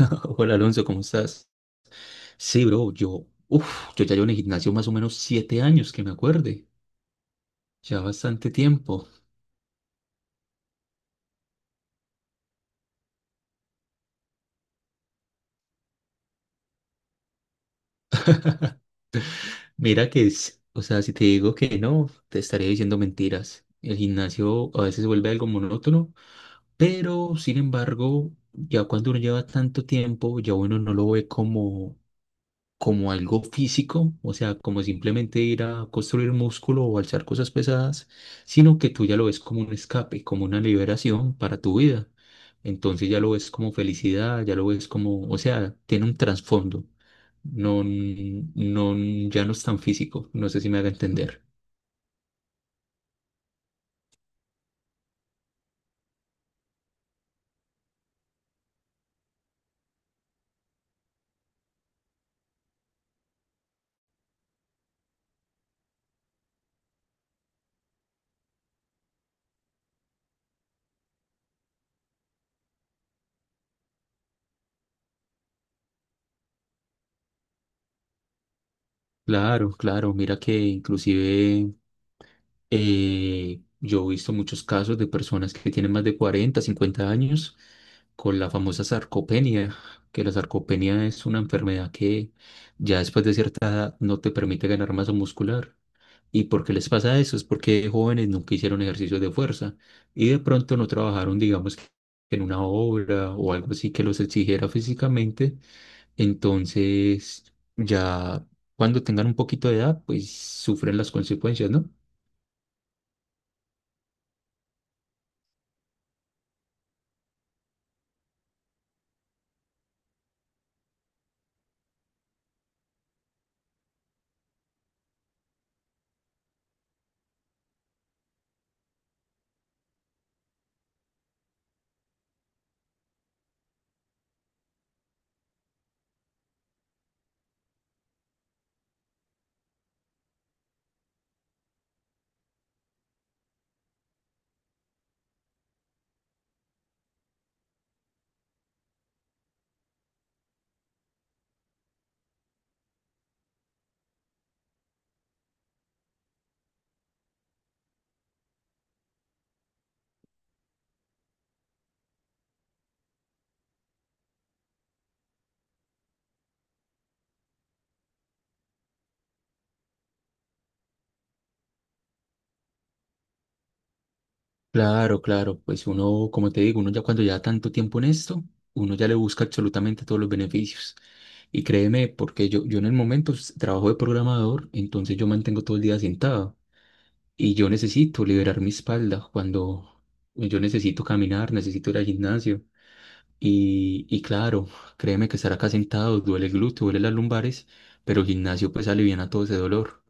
Hola Alonso, ¿cómo estás? Sí, bro, yo ya llevo en el gimnasio más o menos 7 años, que me acuerde, ya bastante tiempo. Mira que es, o sea, si te digo que no, te estaría diciendo mentiras. El gimnasio a veces se vuelve algo monótono, pero sin embargo, ya cuando uno lleva tanto tiempo, ya uno no lo ve como algo físico, o sea, como simplemente ir a construir músculo o alzar cosas pesadas, sino que tú ya lo ves como un escape, como una liberación para tu vida. Entonces ya lo ves como felicidad, ya lo ves como, o sea, tiene un trasfondo. No, no, ya no es tan físico, no sé si me haga entender. Claro, claro, mira que inclusive yo he visto muchos casos de personas que tienen más de 40 50 años con la famosa sarcopenia, que la sarcopenia es una enfermedad que ya después de cierta edad no te permite ganar masa muscular. ¿Y por qué les pasa eso? Es porque de jóvenes nunca hicieron ejercicios de fuerza y de pronto no trabajaron, digamos, que en una obra o algo así que los exigiera físicamente. Entonces, ya cuando tengan un poquito de edad, pues sufren las consecuencias, ¿no? Claro, claro, pues uno, como te digo, uno ya cuando ya tanto tiempo en esto, uno ya le busca absolutamente todos los beneficios. Y créeme, porque yo en el momento trabajo de programador, entonces yo mantengo todo el día sentado y yo necesito liberar mi espalda cuando yo necesito caminar, necesito ir al gimnasio. Y claro, créeme que estar acá sentado duele el glúteo, duele las lumbares, pero el gimnasio pues alivia todo ese dolor.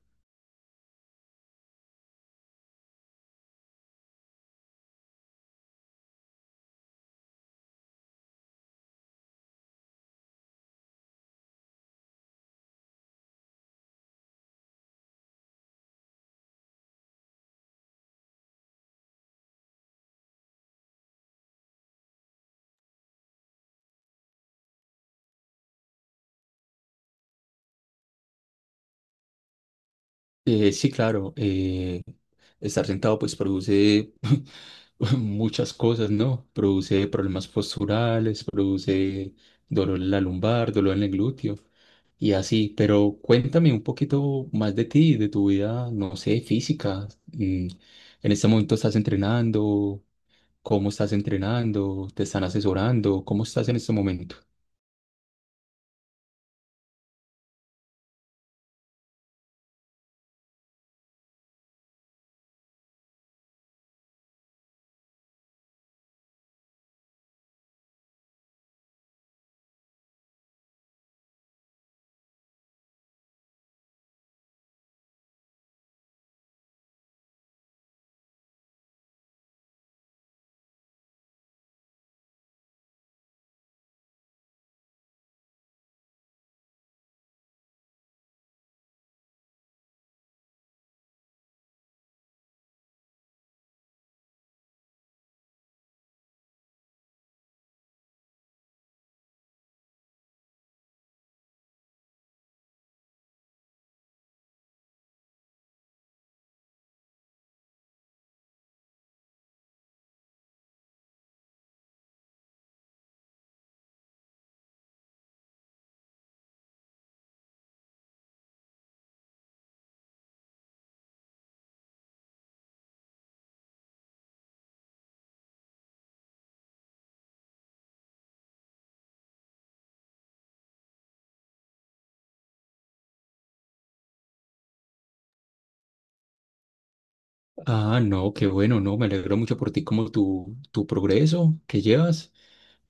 Sí, claro, estar sentado pues produce muchas cosas, ¿no? Produce problemas posturales, produce dolor en la lumbar, dolor en el glúteo y así, pero cuéntame un poquito más de ti, de tu vida, no sé, física. En este momento estás entrenando, ¿cómo estás entrenando? ¿Te están asesorando? ¿Cómo estás en este momento? Ah, no, qué bueno, no, me alegro mucho por ti, como tu progreso que llevas.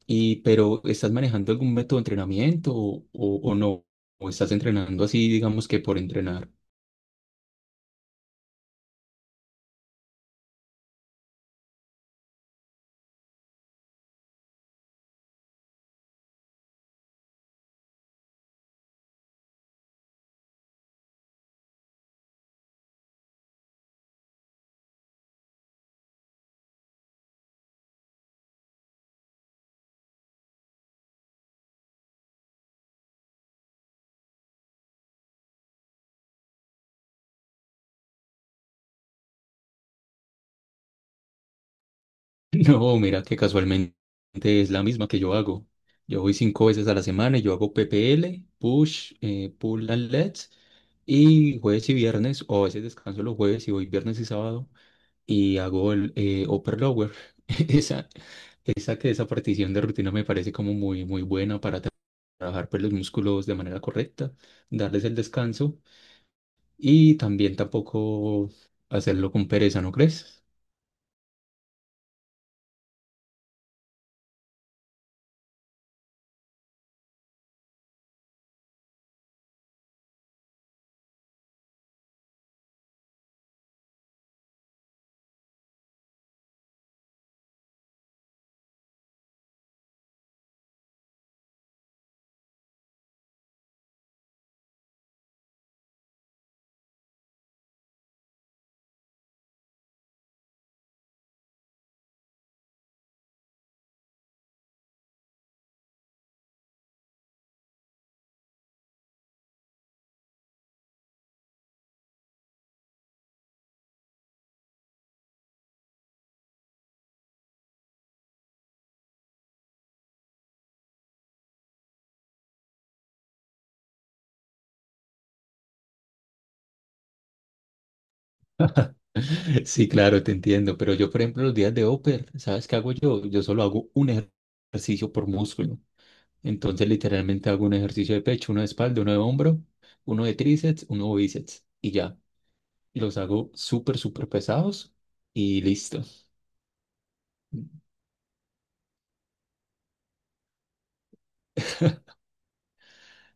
Y, pero, ¿estás manejando algún método de entrenamiento o no? ¿O estás entrenando así, digamos que por entrenar? No, mira que casualmente es la misma que yo hago. Yo voy cinco veces a la semana y yo hago PPL, push, pull and legs, y jueves y viernes, o a veces descanso los jueves y voy viernes y sábado, y hago el upper lower. Esa, esa partición de rutina me parece como muy, muy buena para trabajar pues, los músculos de manera correcta, darles el descanso. Y también tampoco hacerlo con pereza, ¿no crees? Sí, claro, te entiendo, pero yo, por ejemplo, los días de upper, ¿sabes qué hago yo? Yo solo hago un ejercicio por músculo. Entonces, literalmente hago un ejercicio de pecho, uno de espalda, uno de hombro, uno de tríceps, uno de bíceps y ya. Los hago súper, súper pesados y listo.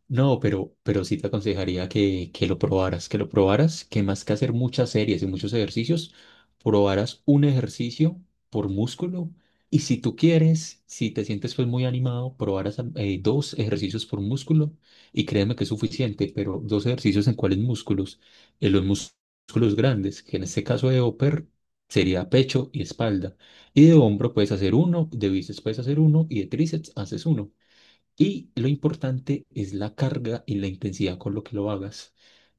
No, pero sí te aconsejaría que lo probaras, que lo probaras, que más que hacer muchas series y muchos ejercicios, probaras un ejercicio por músculo. Y si tú quieres, si te sientes pues muy animado, probaras dos ejercicios por músculo y créeme que es suficiente, pero dos ejercicios en cuáles músculos, en los músculos grandes, que en este caso de upper sería pecho y espalda, y de hombro puedes hacer uno, de bíceps puedes hacer uno y de tríceps haces uno. Y lo importante es la carga y la intensidad con lo que lo hagas.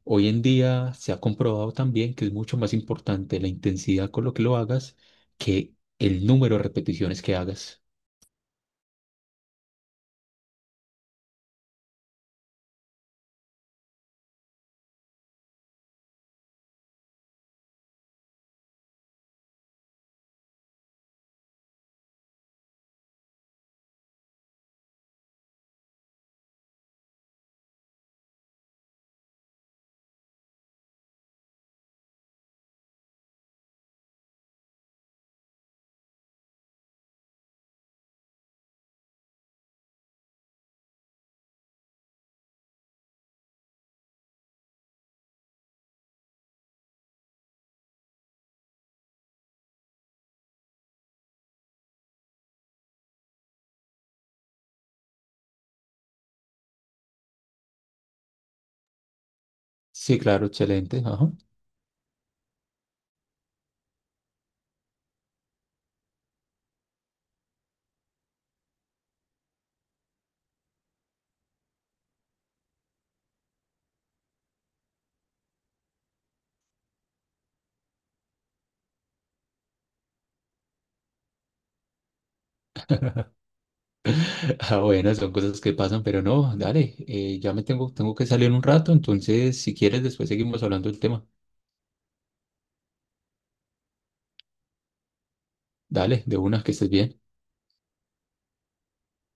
Hoy en día se ha comprobado también que es mucho más importante la intensidad con lo que lo hagas que el número de repeticiones que hagas. Sí, claro, excelente. Ajá. Ah, bueno, son cosas que pasan, pero no, dale, tengo que salir un rato, entonces si quieres después seguimos hablando del tema. Dale, de una, que estés bien.